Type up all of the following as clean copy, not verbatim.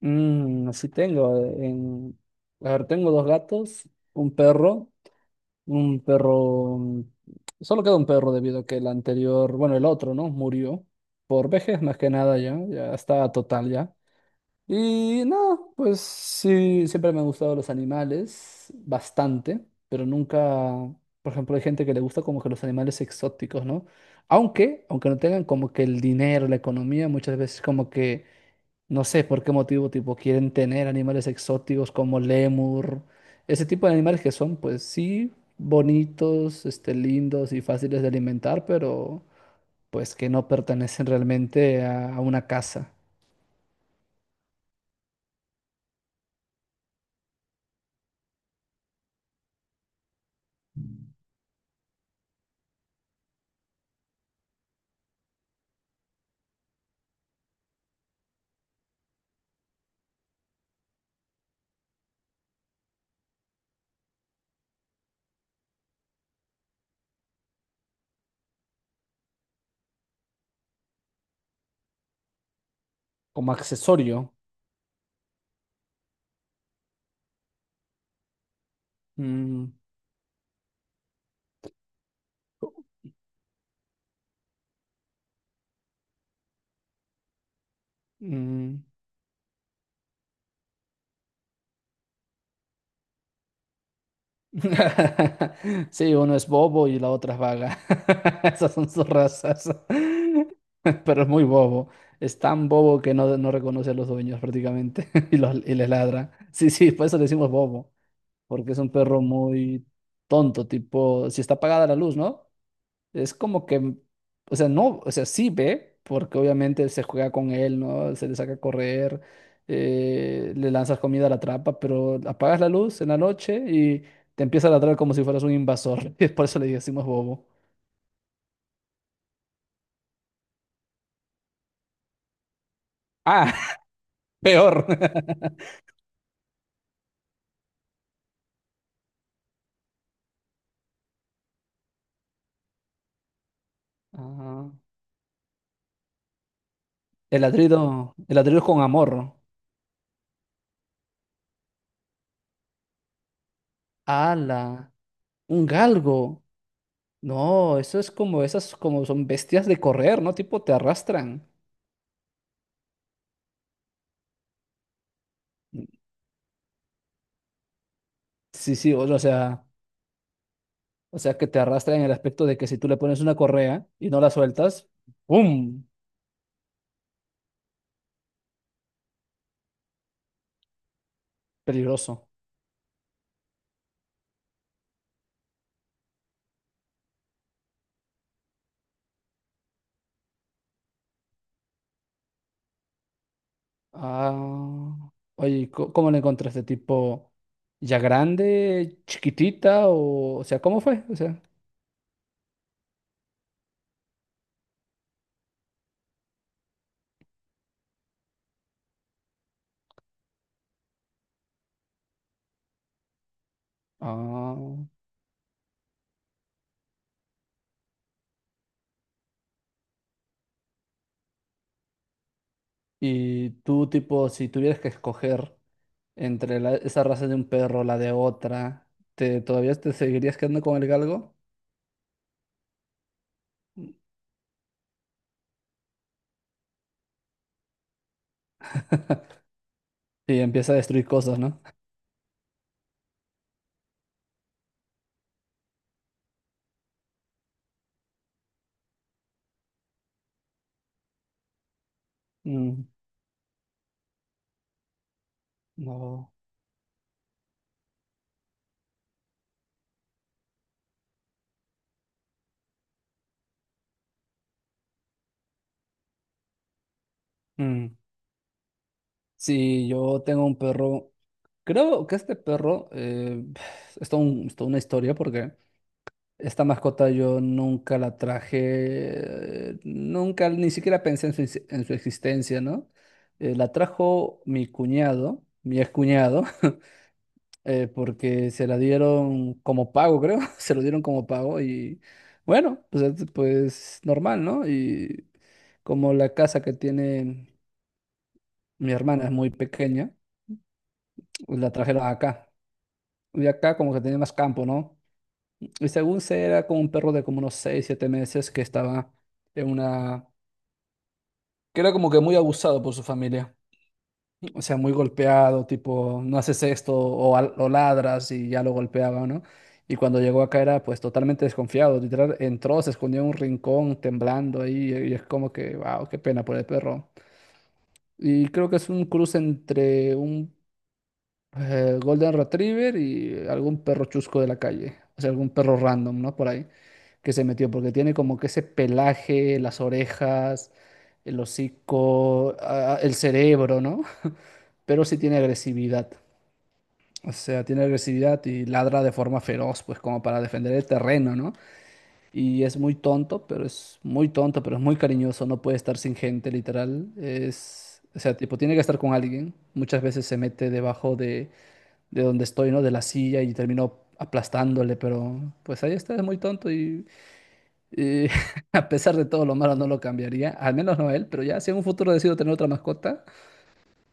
Sí tengo. A ver, tengo dos gatos, un perro, un perro... mm, Solo queda un perro debido a que el anterior, bueno, el otro, ¿no? Murió por vejez más que nada ya, ya estaba total ya. Y no, pues sí, siempre me han gustado los animales, bastante, pero nunca, por ejemplo, hay gente que le gusta como que los animales exóticos, ¿no? Aunque no tengan como que el dinero, la economía, muchas veces como que no sé por qué motivo, tipo, quieren tener animales exóticos como lémur, ese tipo de animales que son, pues sí, bonitos, este, lindos y fáciles de alimentar, pero pues que no pertenecen realmente a una casa, como accesorio. Mm, mm. Sí, uno es bobo y la otra es vaga. Esas son sus razas. Pero es muy bobo. Es tan bobo que no reconoce a los dueños prácticamente y, y les ladra. Sí, sí, por eso le decimos bobo, porque es un perro muy tonto, tipo, si está apagada la luz, ¿no? Es como que, o sea, no, o sea, sí ve, porque obviamente se juega con él, ¿no? Se le saca a correr, le lanzas comida a la trampa, pero apagas la luz en la noche y te empieza a ladrar como si fueras un invasor. Y por eso le decimos bobo. Ah, peor. Ajá. El ladrido con amor. ¡Hala! Un galgo. No, eso es como esas, como son bestias de correr, ¿no? Tipo, te arrastran. Sí, sí, o sea que te arrastran en el aspecto de que si tú le pones una correa y no la sueltas, ¡pum! Peligroso. Ah, oye, ¿cómo la encontraste? ¿Tipo ya grande, chiquitita o sea, cómo fue? O sea, ah, y tú tipo, si tuvieras que escoger entre esa raza de un perro, la de otra, ¿ todavía te seguirías quedando con el galgo? Y empieza a destruir cosas, ¿no? Mm, no. Mm. Sí, yo tengo un perro. Creo que este perro es toda una historia porque esta mascota yo nunca la traje, nunca ni siquiera pensé en en su existencia, ¿no? La trajo mi cuñado, mi excuñado. Porque se la dieron como pago, creo, se lo dieron como pago y bueno, pues, pues normal, ¿no? Y como la casa que tiene mi hermana es muy pequeña, pues, la trajeron acá. Y acá como que tenía más campo, ¿no? Y según se era como un perro de como unos 6 7 meses que estaba en una... que era como que muy abusado por su familia. O sea, muy golpeado, tipo, no haces esto o, o ladras y ya lo golpeaba, ¿no? Y cuando llegó acá era pues totalmente desconfiado, literal, entró, se escondió en un rincón temblando ahí y es como que, wow, qué pena por el perro. Y creo que es un cruce entre un Golden Retriever y algún perro chusco de la calle, o sea, algún perro random, ¿no? Por ahí, que se metió, porque tiene como que ese pelaje, las orejas, el hocico, ah, el cerebro, ¿no? Pero sí tiene agresividad. O sea, tiene agresividad y ladra de forma feroz, pues como para defender el terreno, ¿no? Y es muy tonto, pero es muy tonto, pero es muy cariñoso, no puede estar sin gente, literal. Es, o sea, tipo, tiene que estar con alguien. Muchas veces se mete debajo de, donde estoy, ¿no? De la silla y termino aplastándole, pero pues ahí está, es muy tonto y, y a pesar de todo lo malo no lo cambiaría, al menos no él, pero ya si en un futuro decido tener otra mascota,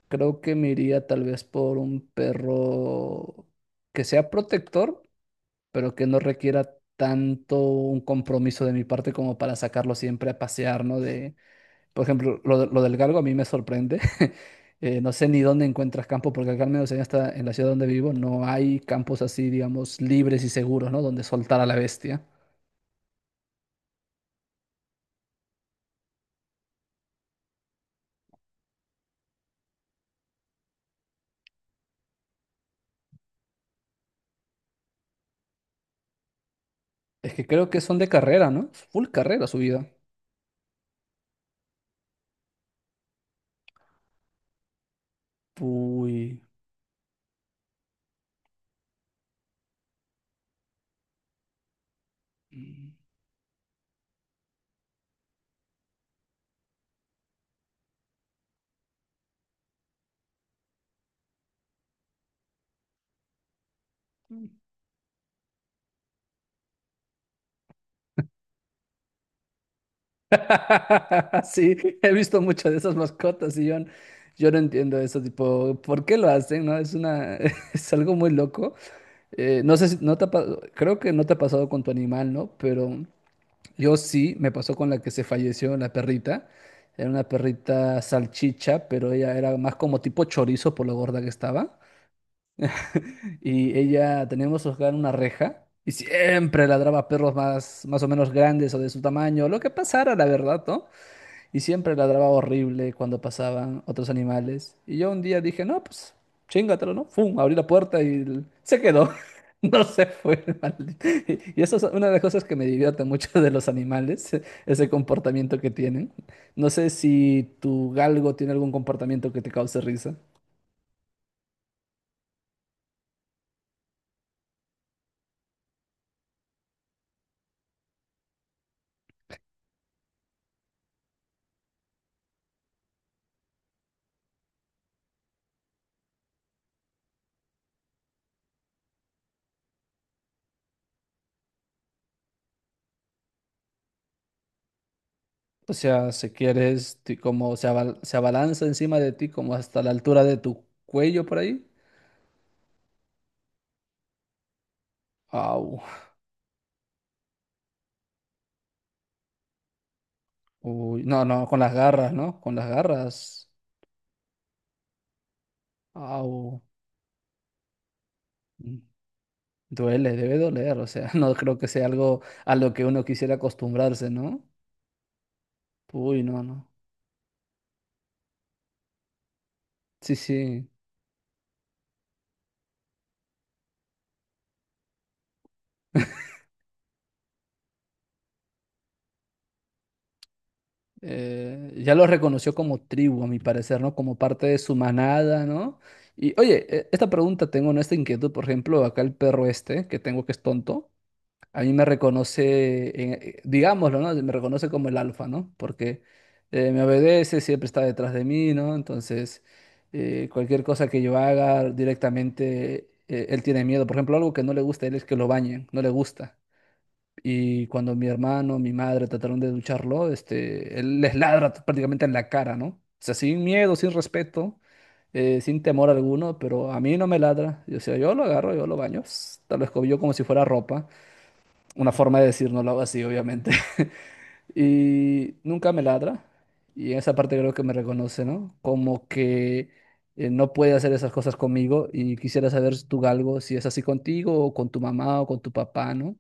creo que me iría tal vez por un perro que sea protector pero que no requiera tanto un compromiso de mi parte como para sacarlo siempre a pasear, ¿no? De, por ejemplo, lo del galgo a mí me sorprende. No sé ni dónde encuentras campo, porque acá al menos en esta, en la ciudad donde vivo no hay campos así, digamos, libres y seguros, ¿no? Donde soltar a la bestia. Es que creo que son de carrera, ¿no? Full carrera su vida. Uy. Mm. Sí, he visto muchas de esas mascotas y yo no entiendo eso, tipo, ¿por qué lo hacen? ¿No? Es una, es algo muy loco. No sé si, no te ha pa- creo que no te ha pasado con tu animal, ¿no? Pero yo sí, me pasó con la que se falleció, la perrita. Era una perrita salchicha, pero ella era más como tipo chorizo por lo gorda que estaba. Y ella, teníamos hogar una reja. Y siempre ladraba a perros más o menos grandes o de su tamaño, lo que pasara, la verdad, ¿no? Y siempre ladraba horrible cuando pasaban otros animales. Y yo un día dije, no, pues chingatelo, ¿no? Fum, abrí la puerta y se quedó. No se fue, el maldito. Y eso es una de las cosas que me divierte mucho de los animales, ese comportamiento que tienen. No sé si tu galgo tiene algún comportamiento que te cause risa. O sea, si quieres, como se abalanza encima de ti, como hasta la altura de tu cuello por ahí. Au. Uy, no, no, con las garras, ¿no? Con las garras. Au. Mm. Duele, debe doler, o sea, no creo que sea algo a lo que uno quisiera acostumbrarse, ¿no? Uy, no, no. Sí, sí. Ya lo reconoció como tribu, a mi parecer, ¿no? Como parte de su manada, ¿no? Y oye, esta pregunta tengo, ¿no? Esta inquietud, por ejemplo, acá el perro este, que tengo que es tonto. A mí me reconoce, digámoslo, ¿no? Me reconoce como el alfa, ¿no? Porque me obedece, siempre está detrás de mí, ¿no? Entonces, cualquier cosa que yo haga directamente, él tiene miedo. Por ejemplo, algo que no le gusta a él es que lo bañen, no le gusta. Y cuando mi hermano, mi madre trataron de ducharlo, este, él les ladra prácticamente en la cara, ¿no? O sea, sin miedo, sin respeto, sin temor alguno, pero a mí no me ladra. Y, o sea, yo lo agarro, yo lo baño, tal lo escobillo como si fuera ropa una forma de decir no lo hago así, obviamente. Y nunca me ladra. Y en esa parte creo que me reconoce, ¿no? Como que no puede hacer esas cosas conmigo. Y quisiera saber tú, Galgo, si es así contigo o con tu mamá o con tu papá, ¿no?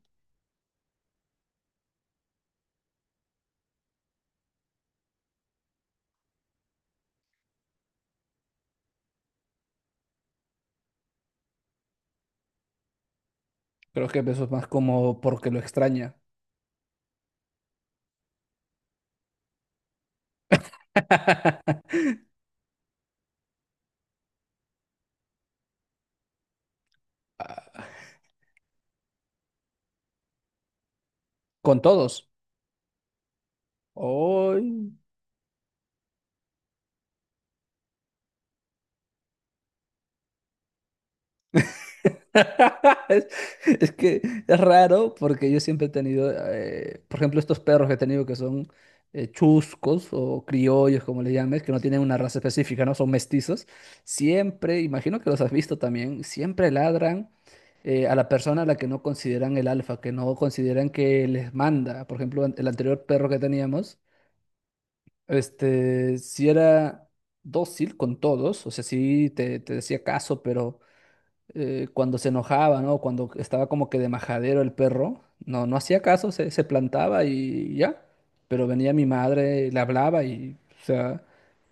Creo que eso es más como porque lo extraña. Ah, con todos. Hoy. Es, es que es raro porque yo siempre he tenido, por ejemplo, estos perros que he tenido que son chuscos o criollos, como le llames, que no tienen una raza específica, ¿no? Son mestizos. Siempre, imagino que los has visto también, siempre ladran a la persona a la que no consideran el alfa, que no consideran que les manda. Por ejemplo, el anterior perro que teníamos, este, si era dócil con todos, o sea, sí te decía caso, pero cuando se enojaba, ¿no? Cuando estaba como que de majadero el perro, no hacía caso, se plantaba y ya. Pero venía mi madre, le hablaba y, o sea,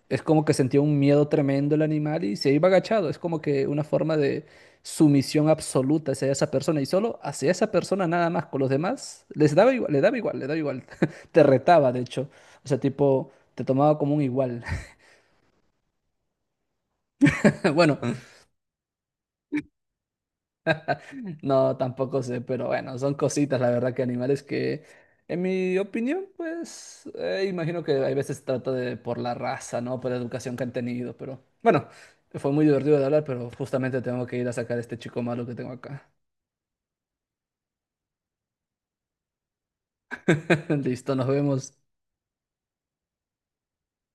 es como que sentía un miedo tremendo el animal y se iba agachado. Es como que una forma de sumisión absoluta hacia esa persona y solo hacia esa persona nada más. Con los demás les daba igual, le daba igual, le daba igual. Te retaba, de hecho. O sea, tipo, te tomaba como un igual. Bueno, no, tampoco sé, pero bueno, son cositas, la verdad, que animales que, en mi opinión, pues, imagino que hay veces se trata de por la raza, ¿no? Por la educación que han tenido, pero bueno, fue muy divertido de hablar, pero justamente tengo que ir a sacar a este chico malo que tengo acá. Listo, nos vemos.